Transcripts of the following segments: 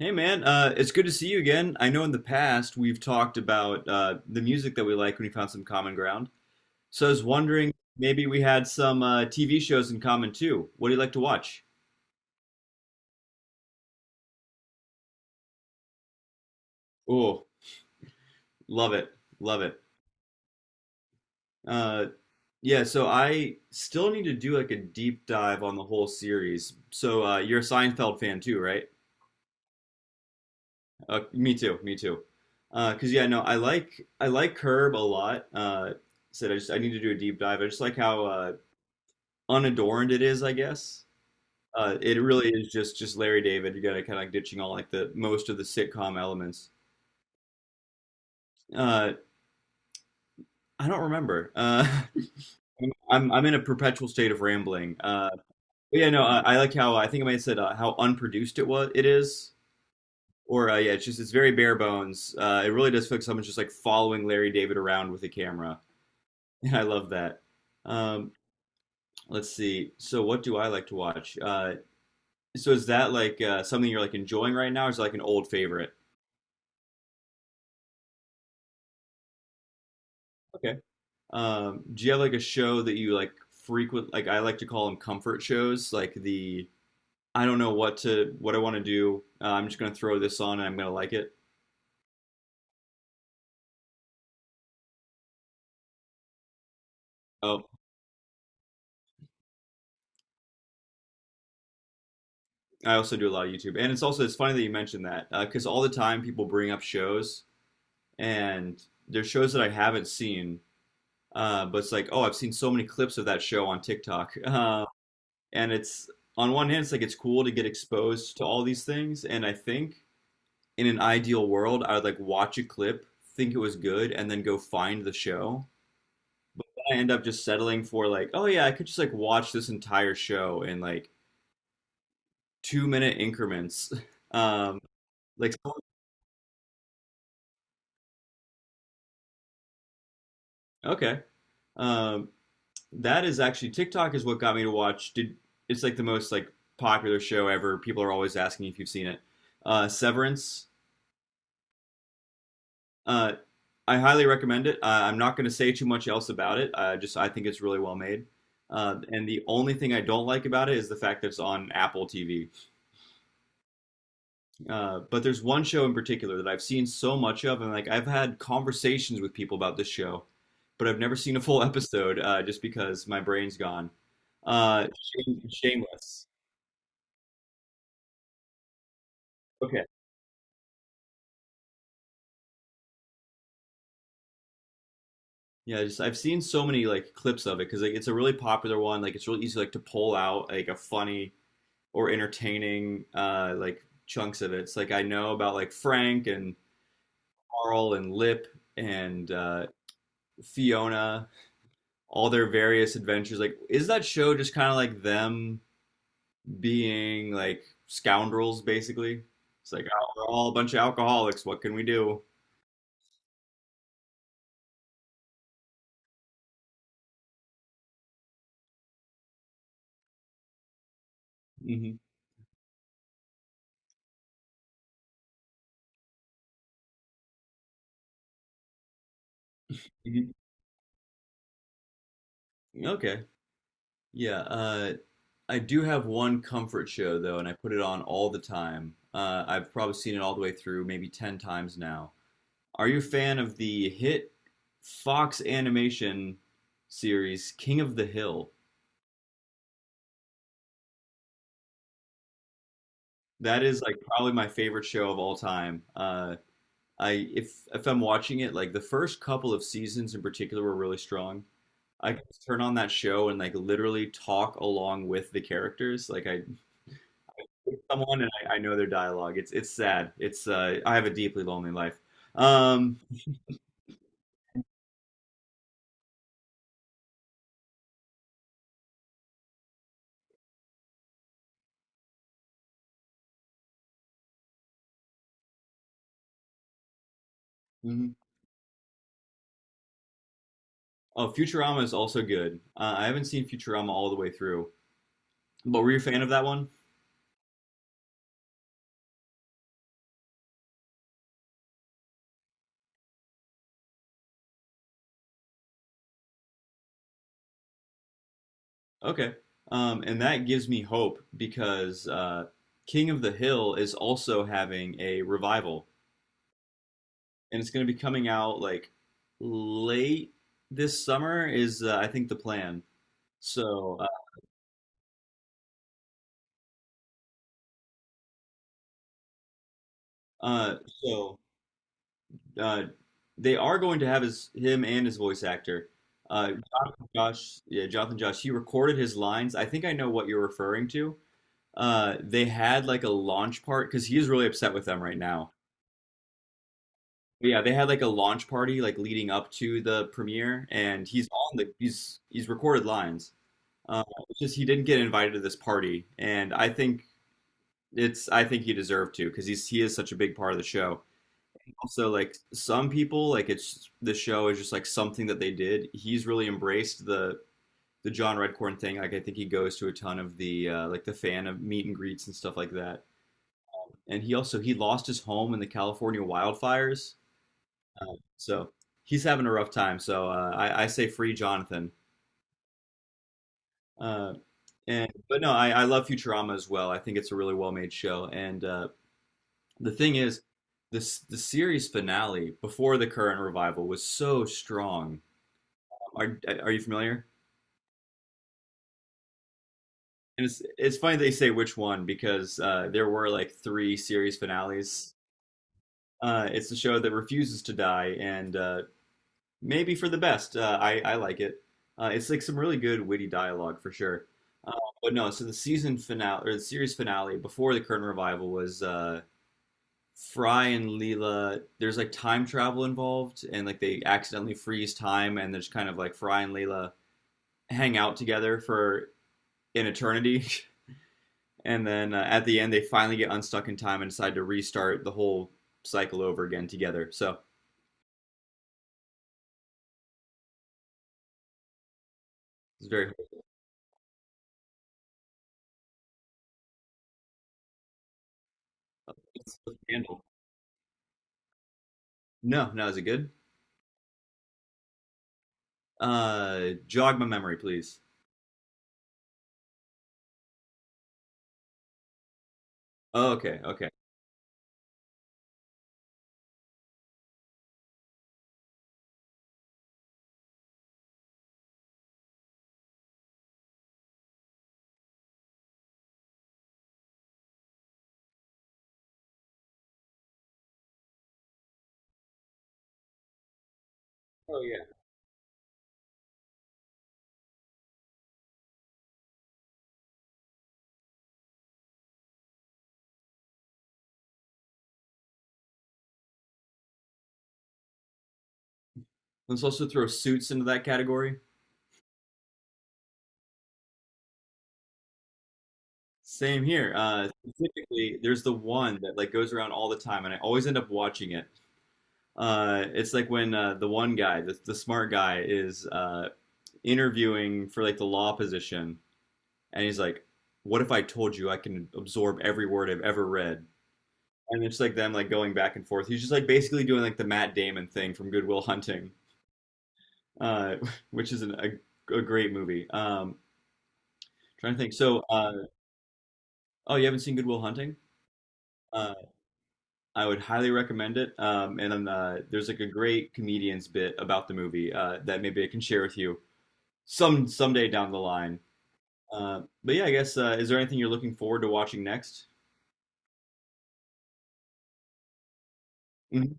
Hey man, it's good to see you again. I know in the past we've talked about the music that we like when we found some common ground. So I was wondering maybe we had some TV shows in common too. What do you like to watch? Oh, love it, love it. Uh, yeah, so I still need to do like a deep dive on the whole series. So you're a Seinfeld fan too, right? Me too, me too. 'Cause yeah, no, I like Curb a lot. Said I just I need to do a deep dive. I just like how unadorned it is, I guess. It really is just Larry David. You got to kind of ditching all like the most of the sitcom elements. Uh, I don't remember. I'm in a perpetual state of rambling. But yeah, no, I like how I think I might have said how unproduced it was. It is, or yeah, it's just it's very bare bones. It really does feel like someone's just like following Larry David around with a camera. I love that. Um, let's see. So what do I like to watch? So is that like something you're like enjoying right now, or is it like an old favorite? Okay. Do you have like a show that you like frequent? Like I like to call them comfort shows. Like the I don't know what to what I want to do. I'm just gonna throw this on and I'm gonna like it. Oh, I also do a lot of YouTube, and it's also it's funny that you mentioned that because all the time people bring up shows and there's shows that I haven't seen, but it's like oh I've seen so many clips of that show on TikTok, and it's on one hand it's like it's cool to get exposed to all these things, and I think in an ideal world, I would like watch a clip, think it was good, and then go find the show. I end up just settling for like, oh yeah, I could just like watch this entire show in like 2-minute increments. Um, like so, okay, um, that is actually TikTok is what got me to watch. Did it's like the most like popular show ever. People are always asking if you've seen it. Severance. Uh, I highly recommend it. I'm not going to say too much else about it. I just I think it's really well made. And the only thing I don't like about it is the fact that it's on Apple TV. But there's one show in particular that I've seen so much of, and like I've had conversations with people about this show, but I've never seen a full episode just because my brain's gone. Uh, shameless. Okay. Yeah, just I've seen so many like clips of it because like it's a really popular one. Like it's really easy like to pull out like a funny or entertaining like chunks of it. It's like I know about like Frank and Carl and Lip and Fiona, all their various adventures. Like, is that show just kind of like them being like scoundrels, basically? It's like, oh, we're all a bunch of alcoholics. What can we do? Hmm. Hmm. Okay. Yeah. I do have one comfort show, though, and I put it on all the time. I've probably seen it all the way through, maybe 10 times now. Are you a fan of the hit Fox animation series King of the Hill? That is like probably my favorite show of all time. I if I'm watching it, like the first couple of seasons in particular were really strong. I could just turn on that show and like literally talk along with the characters. Like I pick someone and I know their dialogue. It's sad. It's I have a deeply lonely life. Um, mhm. Oh, Futurama is also good. I haven't seen Futurama all the way through, but were you a fan of that one? Okay. And that gives me hope because King of the Hill is also having a revival, and it's going to be coming out like late this summer is I think the plan. So, uh, uh, so uh, they are going to have his him and his voice actor. Jonathan Josh, yeah, Jonathan Josh. He recorded his lines. I think I know what you're referring to. They had like a launch part because he is really upset with them right now. Yeah, they had like a launch party like leading up to the premiere, and he's on the he's recorded lines. Uh, it's just he didn't get invited to this party, and I think it's I think he deserved to because he is such a big part of the show. Also, like some people, like it's the show is just like something that they did. He's really embraced the John Redcorn thing. Like I think he goes to a ton of the like the fan of meet and greets and stuff like that. And he also he lost his home in the California wildfires. So he's having a rough time. So I say free Jonathan. Uh, and but no, I love Futurama as well. I think it's a really well made show. And the thing is, this the series finale before the current revival was so strong. Are you familiar? And it's funny they say which one because there were like three series finales. It's the show that refuses to die and maybe for the best. I like it. It's like some really good witty dialogue for sure. Uh, but no, so the season finale or the series finale before the current revival was Fry and Leela. There's like time travel involved, and like they accidentally freeze time, and there's kind of like Fry and Leela hang out together for an eternity, and then at the end they finally get unstuck in time and decide to restart the whole cycle over again together. So it's very hard. It's a handle. No, no, is it good? Jog my memory, please. Oh, okay, okay. Oh yeah. Let's also throw suits into that category. Same here. Specifically, there's the one that like goes around all the time, and I always end up watching it. It's like when the one guy, the smart guy, is interviewing for like the law position, and he's like, "What if I told you I can absorb every word I've ever read?" And it's like them like going back and forth. He's just like basically doing like the Matt Damon thing from Good Will Hunting. uh, which is a great movie. Trying to think. So, oh, you haven't seen Good Will Hunting? Uh, I would highly recommend it. And then, there's like a great comedian's bit about the movie that maybe I can share with you someday down the line. But yeah, I guess is there anything you're looking forward to watching next? Mhm.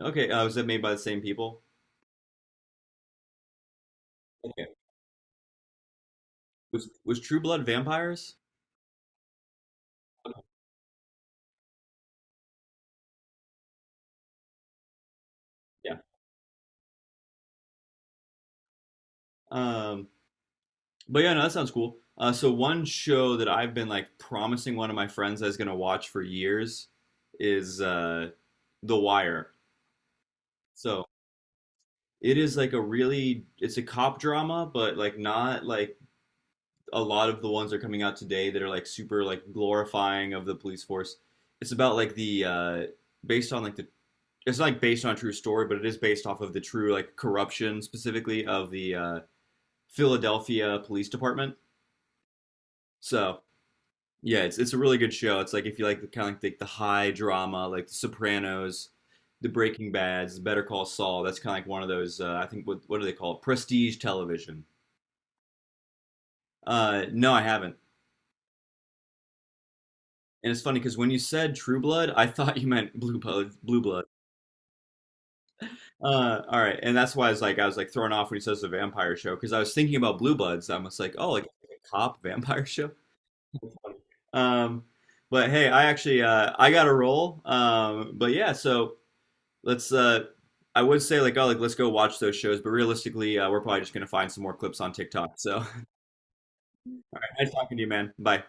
Okay, was that made by the same people? Okay. Was True Blood vampires? Yeah. Um, but yeah, no, that sounds cool. So one show that I've been like promising one of my friends I was gonna watch for years is The Wire. So it is like a really, it's a cop drama, but like not like a lot of the ones that are coming out today that are like super like glorifying of the police force. It's about like the based on like the it's not like based on a true story, but it is based off of the true like corruption specifically of the Philadelphia Police Department. So yeah, it's a really good show. It's like if you like the kind of like the high drama, like The Sopranos, The Breaking Bads, Better Call Saul. That's kind of like one of those. I think what do they call it? Prestige television. No, I haven't. And it's funny because when you said True Blood, I thought you meant Blue Blood. Blue Blood. All right, and that's why I was like thrown off when he says the vampire show because I was thinking about Blue Bloods. I was like, oh, like a cop vampire show. Um, but hey, I actually I got a role. But yeah, so. Let's I would say like oh like let's go watch those shows, but realistically, we're probably just gonna find some more clips on TikTok. So nice talking to you, man. Bye.